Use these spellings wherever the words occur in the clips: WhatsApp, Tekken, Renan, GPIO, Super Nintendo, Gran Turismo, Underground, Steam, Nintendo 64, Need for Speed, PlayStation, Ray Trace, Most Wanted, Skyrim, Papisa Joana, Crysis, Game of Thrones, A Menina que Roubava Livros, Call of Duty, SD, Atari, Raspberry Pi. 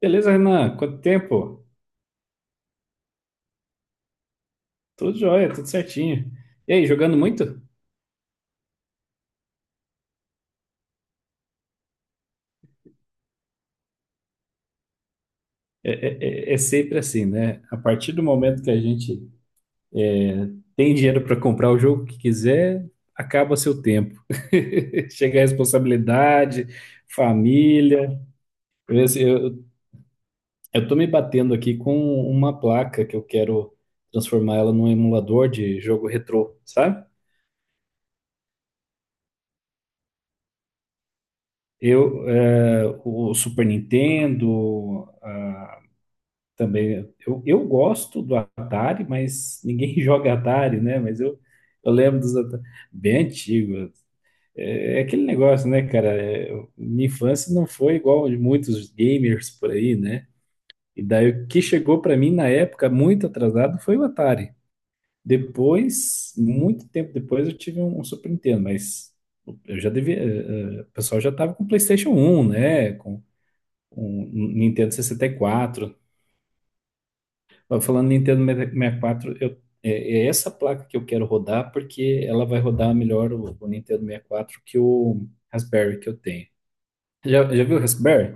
Beleza, Renan? Quanto tempo? Tudo jóia, tudo certinho. E aí, jogando muito? É, é- é sempre assim, né? A partir do momento que a gente tem dinheiro para comprar o jogo que quiser, acaba seu tempo. Chega a responsabilidade, família. Eu, assim, eu, eu tô me batendo aqui com uma placa que eu quero transformar ela num emulador de jogo retrô, sabe? O Super Nintendo, também. Eu gosto do Atari, mas ninguém joga Atari, né? Mas eu lembro dos Atari, bem antigos. É, é aquele negócio, né, cara? É, minha infância não foi igual a de muitos gamers por aí, né? E daí o que chegou para mim na época, muito atrasado, foi o Atari. Depois, muito tempo depois, eu tive um Super Nintendo, mas eu já devia. O pessoal já tava com PlayStation um, né? Com um Nintendo sessenta e quatro. Ó, falando Nintendo 64, é, é essa placa que eu quero rodar porque ela vai rodar melhor o Nintendo 64 que o Raspberry que eu tenho. Já viu o Raspberry?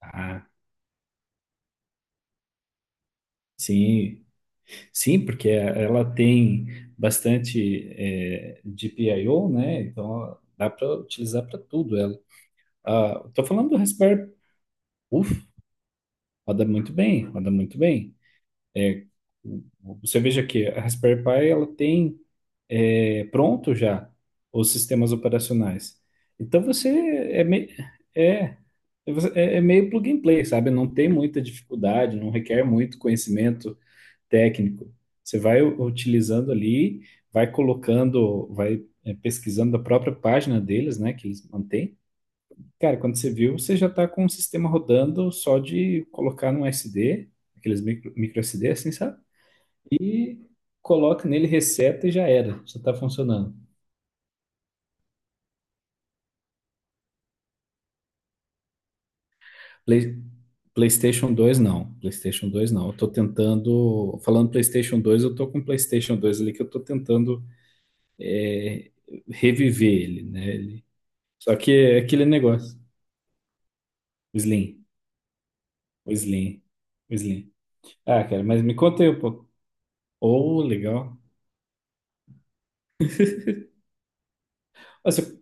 Ah, sim. Sim, porque ela tem bastante GPIO, né? Então dá para utilizar para tudo ela. Ah, tô falando do Raspberry. Uf, roda muito bem, roda muito bem. Você veja que a Raspberry Pi ela tem pronto já os sistemas operacionais. Então você é, me- é, é, é meio plug and play, sabe? Não tem muita dificuldade, não requer muito conhecimento técnico. Você vai utilizando ali, vai colocando, vai pesquisando a própria página deles, né, que eles mantêm. Cara, quando você viu, você já está com o sistema rodando só de colocar num SD, aqueles micro SD, assim, sabe? E coloca nele, reseta e já era, já está funcionando. Play- PlayStation dois não, PlayStation dois não. Eu tô tentando, falando PlayStation dois, eu tô com o PlayStation dois ali que eu tô tentando é, reviver ele, né? Só que é aquele negócio, o Slim, o Slim, o Slim. Ah, cara, mas me conta aí um pouco. Oh, legal. Ah, você,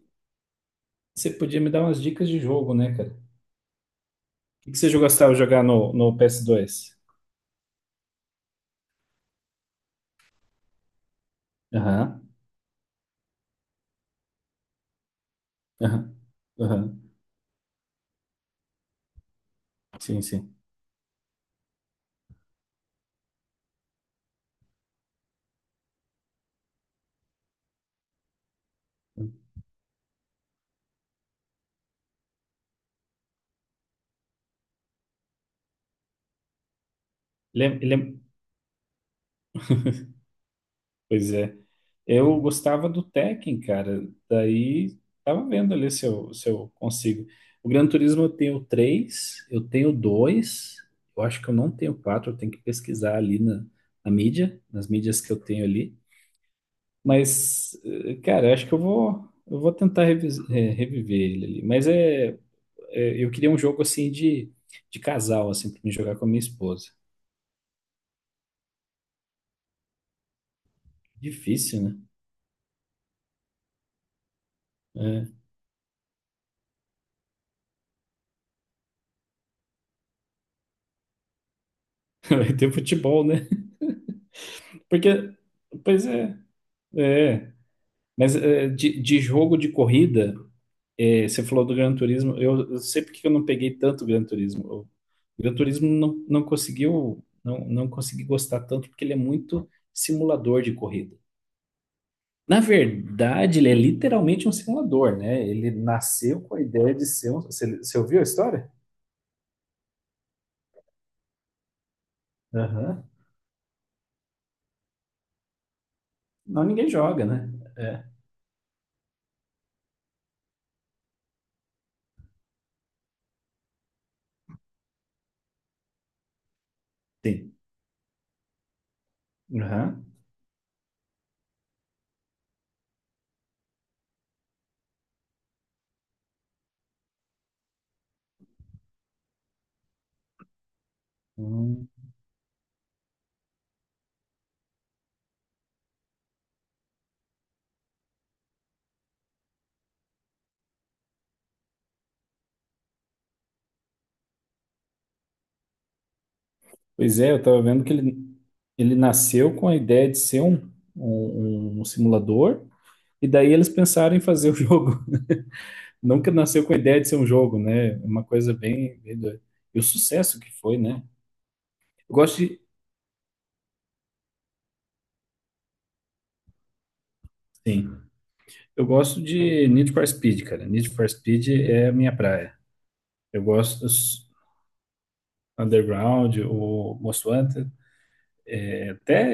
você podia me dar umas dicas de jogo, né, cara? O que que você gostava de jogar no, no ps dois? Aham, aham, aham. Sim, sim. Lembra, pois é. Eu gostava do Tekken, cara. Daí tava vendo ali se eu consigo. O Gran Turismo eu tenho três, eu tenho dois. Eu acho que eu não tenho quatro, eu tenho que pesquisar ali na, na mídia, nas mídias que eu tenho ali. Mas, cara, eu acho que eu vou tentar reviver ele ali. Mas eu queria um jogo assim de casal, assim, pra me jogar com a minha esposa. Difícil, né? É. Vai ter futebol, né? Porque, pois é. É, mas é, de jogo de corrida, é, você falou do Gran Turismo, eu sei porque que eu não peguei tanto Gran Turismo. O Gran Turismo não, não conseguiu, não, não consegui gostar tanto porque ele é muito simulador de corrida. Na verdade, ele é literalmente um simulador, né? Ele nasceu com a ideia de ser um. Você ouviu a história? Aham. Não, ninguém joga, né? É. Sim. Aham. Pois é, eu estava vendo que ele nasceu com a ideia de ser um simulador, e daí eles pensaram em fazer o jogo. Nunca nasceu com a ideia de ser um jogo, né? É uma coisa bem, bem doida. E o sucesso que foi, né? Eu gosto de, sim, eu gosto de Need for Speed, cara. Need for Speed é a minha praia. Eu gosto dos Underground, o Most Wanted. É, Até,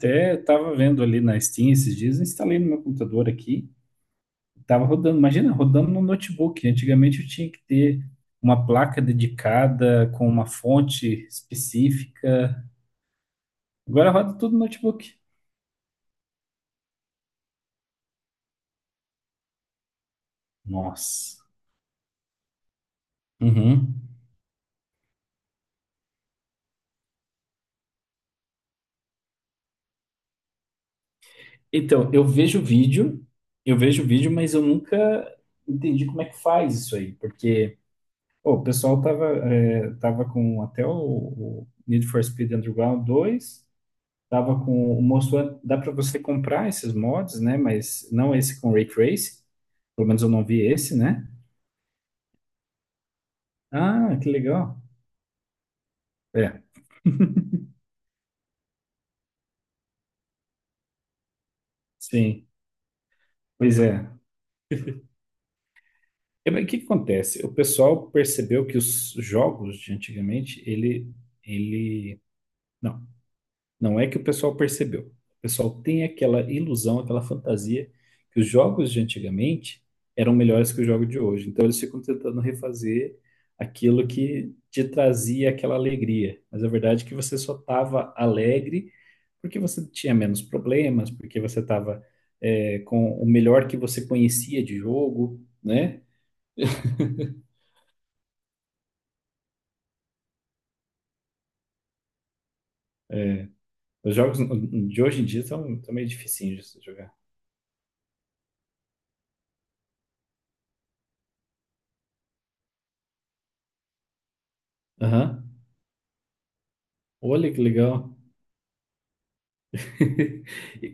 até estava vendo ali na Steam esses dias, instalei no meu computador aqui. Tava rodando, imagina, rodando no notebook. Antigamente eu tinha que ter uma placa dedicada com uma fonte específica. Agora roda tudo no notebook. Nossa. Uhum. Então, eu vejo vídeo, mas eu nunca entendi como é que faz isso aí, porque pô, o pessoal tava, tava com até o Need for Speed Underground 2. Tava com o mostrou, dá para você comprar esses mods, né? Mas não esse com Ray Trace. Pelo menos eu não vi esse, né? Ah, que legal. É, sim. Pois é. E, mas o que que acontece? O pessoal percebeu que os jogos de antigamente, ele, não, não é que o pessoal percebeu. O pessoal tem aquela ilusão, aquela fantasia que os jogos de antigamente eram melhores que o jogo de hoje. Então eles ficam tentando refazer aquilo que te trazia aquela alegria. Mas a verdade é que você só estava alegre porque você tinha menos problemas, porque você estava com o melhor que você conhecia de jogo, né? Os jogos de hoje em dia são, são meio dificinhos de se jogar. Aham. Olha que legal.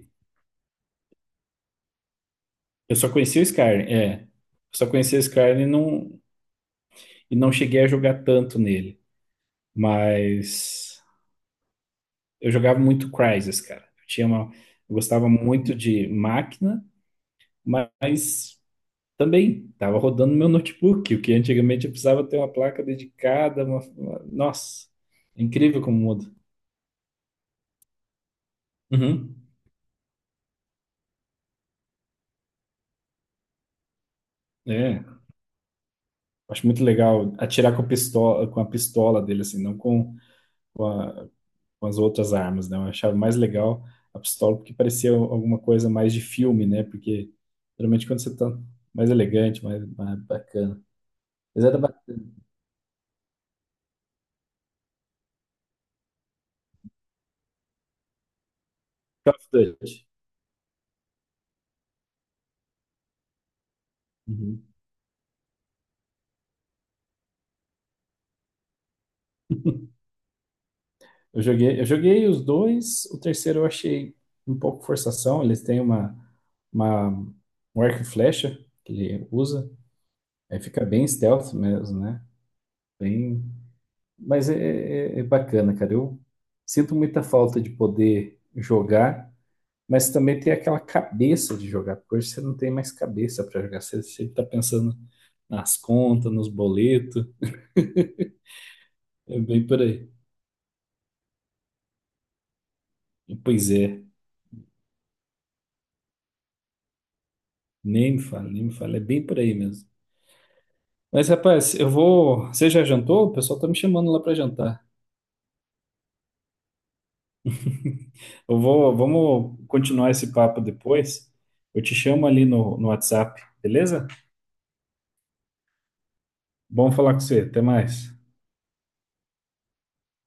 Eu só conheci o Skyrim, é. Eu só conheci o Skyrim e não cheguei a jogar tanto nele. Mas eu jogava muito Crysis, cara. Eu gostava muito de máquina, mas também tava rodando no meu notebook, o que antigamente eu precisava ter uma placa dedicada, nossa, é incrível como muda. Uhum. É, acho muito legal atirar com a pistola dele, assim, não com, com a- umas outras armas, né? Eu achava mais legal a pistola porque parecia alguma coisa mais de filme, né? Porque geralmente quando você tá mais elegante, mais bacana. Mas era ba- Call of Duty. Uhum. Eu joguei os dois, o terceiro eu achei um pouco forçação, eles têm uma um arco e flecha que ele usa, aí fica bem stealth mesmo, né? Bem, mas é é bacana, cara. Eu sinto muita falta de poder jogar mas também ter aquela cabeça de jogar, porque hoje você não tem mais cabeça para jogar, você sempre está pensando nas contas, nos boletos, é bem por aí. Pois é, nem me fala, é bem por aí mesmo. Mas rapaz, eu vou. Você já jantou? O pessoal tá me chamando lá para jantar. Eu vou, vamos continuar esse papo depois. Eu te chamo ali no, no WhatsApp, beleza? Bom falar com você, até mais.